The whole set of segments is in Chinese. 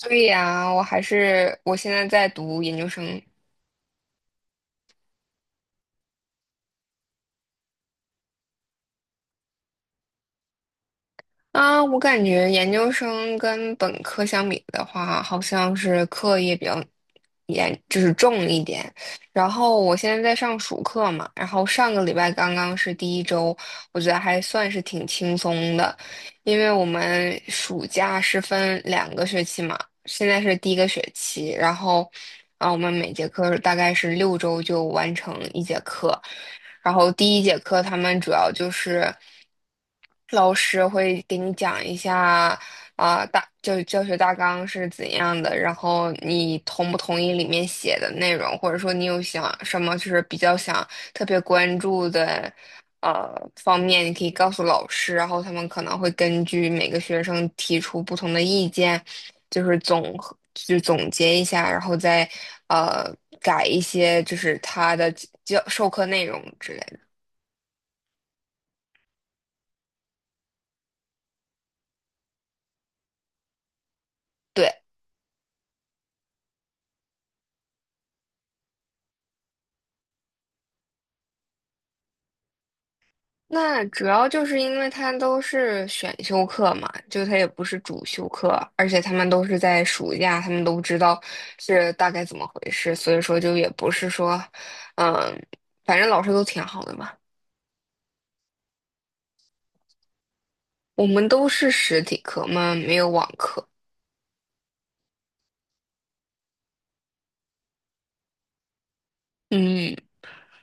对呀，我还是我现在在读研究生。我感觉研究生跟本科相比的话，好像是课业比较严，就是重一点。然后我现在在上暑课嘛，然后上个礼拜刚刚是第1周，我觉得还算是挺轻松的，因为我们暑假是分2个学期嘛，现在是第1个学期，然后我们每节课大概是6周就完成一节课。然后第1节课他们主要就是老师会给你讲一下，教学大纲是怎样的，然后你同不同意里面写的内容，或者说你有想什么就是比较想特别关注的方面，你可以告诉老师，然后他们可能会根据每个学生提出不同的意见，就是总和就总结一下，然后再呃改一些就是他的教授课内容之类的。对。那主要就是因为他都是选修课嘛，就他也不是主修课，而且他们都是在暑假，他们都知道是大概怎么回事，所以说就也不是说，嗯，反正老师都挺好的嘛。我们都是实体课嘛，没有网课。嗯，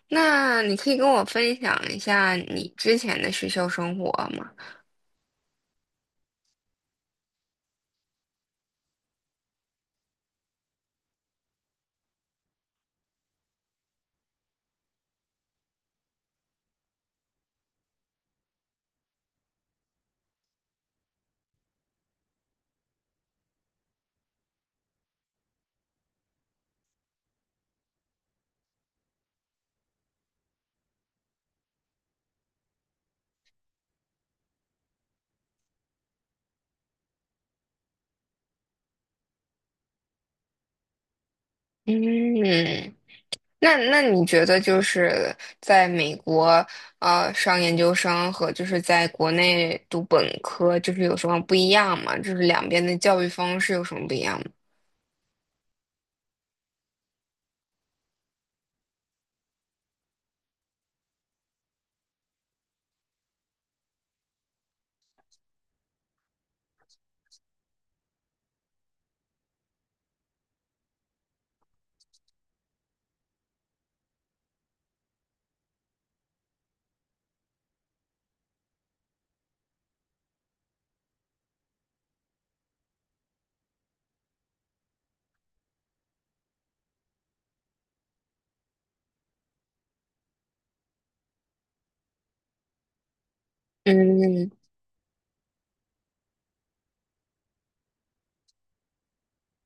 那你可以跟我分享一下你之前的学校生活吗？嗯，那那你觉得就是在美国上研究生和就是在国内读本科，就是有什么不一样吗？就是两边的教育方式有什么不一样吗？嗯。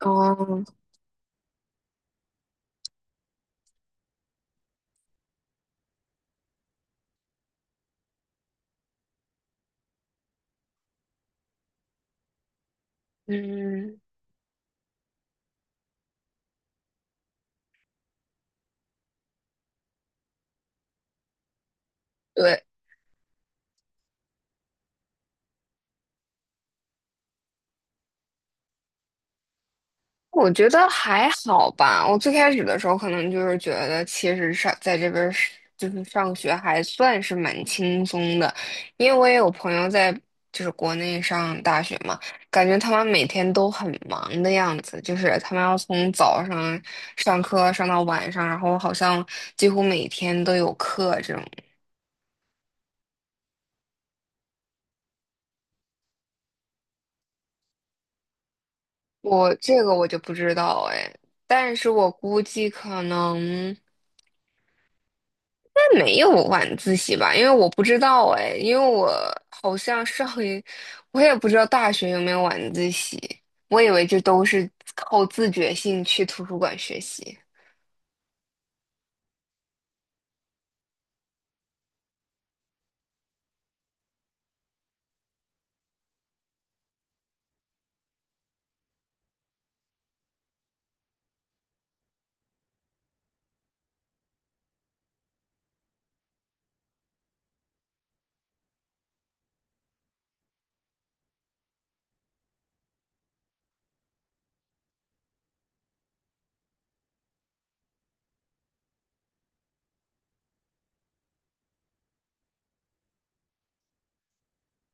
哦。嗯。对。我觉得还好吧。我最开始的时候可能就是觉得，其实上在这边儿是就是上学还算是蛮轻松的，因为我也有朋友在就是国内上大学嘛，感觉他们每天都很忙的样子，就是他们要从早上上课上到晚上，然后好像几乎每天都有课这种。我这个我就不知道哎，但是我估计可能。应该没有晚自习吧？因为我不知道哎，因为我好像上一，我也不知道大学有没有晚自习，我以为这都是靠自觉性去图书馆学习。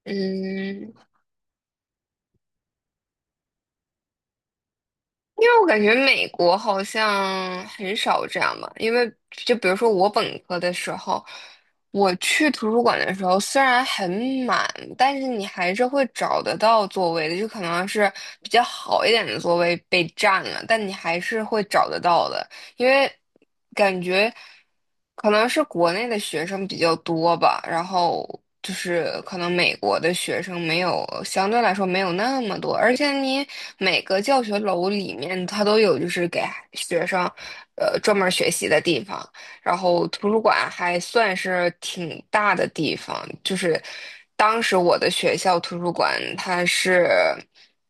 嗯，因为我感觉美国好像很少这样吧，因为就比如说我本科的时候，我去图书馆的时候虽然很满，但是你还是会找得到座位的，就可能是比较好一点的座位被占了，但你还是会找得到的。因为感觉可能是国内的学生比较多吧，然后就是可能美国的学生没有，相对来说没有那么多，而且你每个教学楼里面它都有就是给学生专门学习的地方，然后图书馆还算是挺大的地方，就是当时我的学校图书馆它是。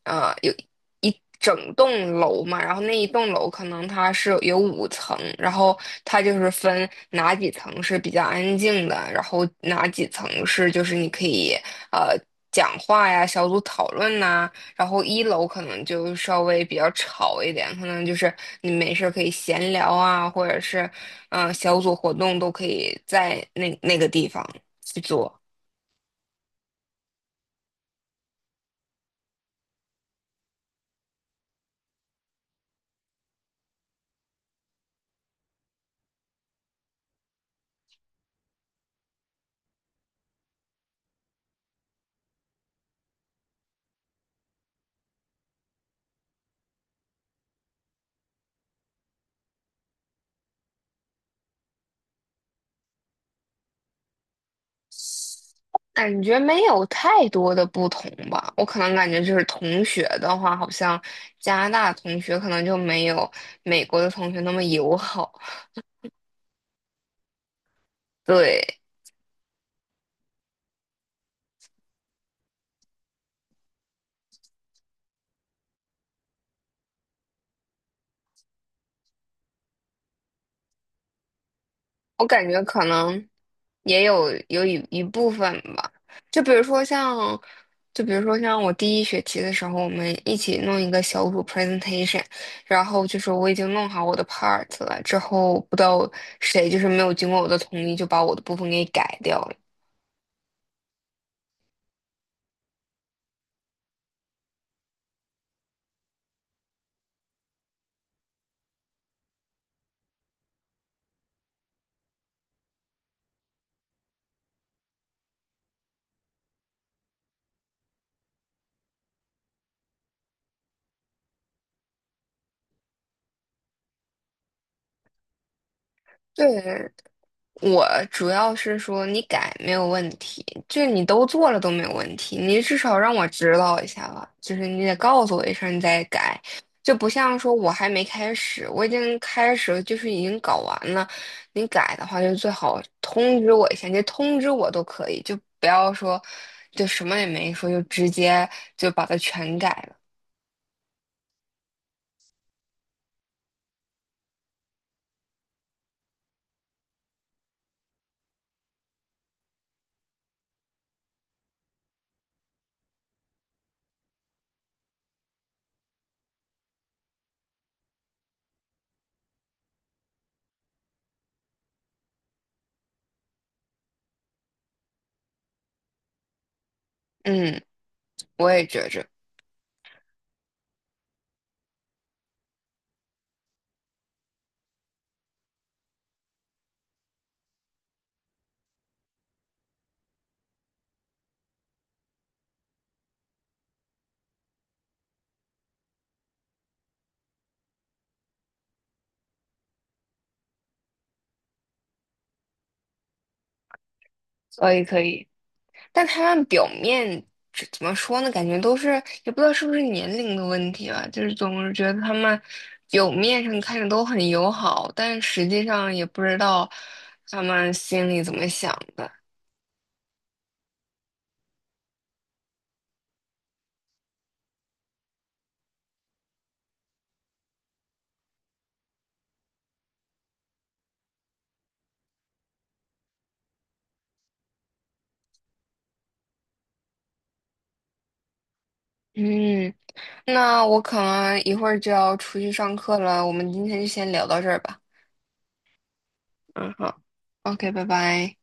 啊，有。一整栋楼嘛，然后那一栋楼可能它是有5层，然后它就是分哪几层是比较安静的，然后哪几层是就是你可以呃讲话呀、小组讨论呐、然后1楼可能就稍微比较吵一点，可能就是你没事儿可以闲聊啊，或者是小组活动都可以在那个地方去做。感觉没有太多的不同吧，我可能感觉就是同学的话，好像加拿大同学可能就没有美国的同学那么友好。对，我感觉可能也有一部分吧，就比如说像，就比如说像我第1学期的时候，我们一起弄一个小组 presentation,然后就是我已经弄好我的 part 了，之后不知道谁就是没有经过我的同意就把我的部分给改掉了。对，我主要是说你改没有问题，就你都做了都没有问题，你至少让我知道一下吧，就是你得告诉我一声你再改，就不像说我还没开始，我已经开始了就是已经搞完了，你改的话就最好通知我一下，你通知我都可以，就不要说就什么也没说就直接就把它全改了，嗯，我也觉着，所以可以。但他们表面这怎么说呢？感觉都是也不知道是不是年龄的问题吧，就是总是觉得他们表面上看着都很友好，但实际上也不知道他们心里怎么想的。嗯，那我可能一会儿就要出去上课了，我们今天就先聊到这儿吧。嗯，好，OK,拜拜。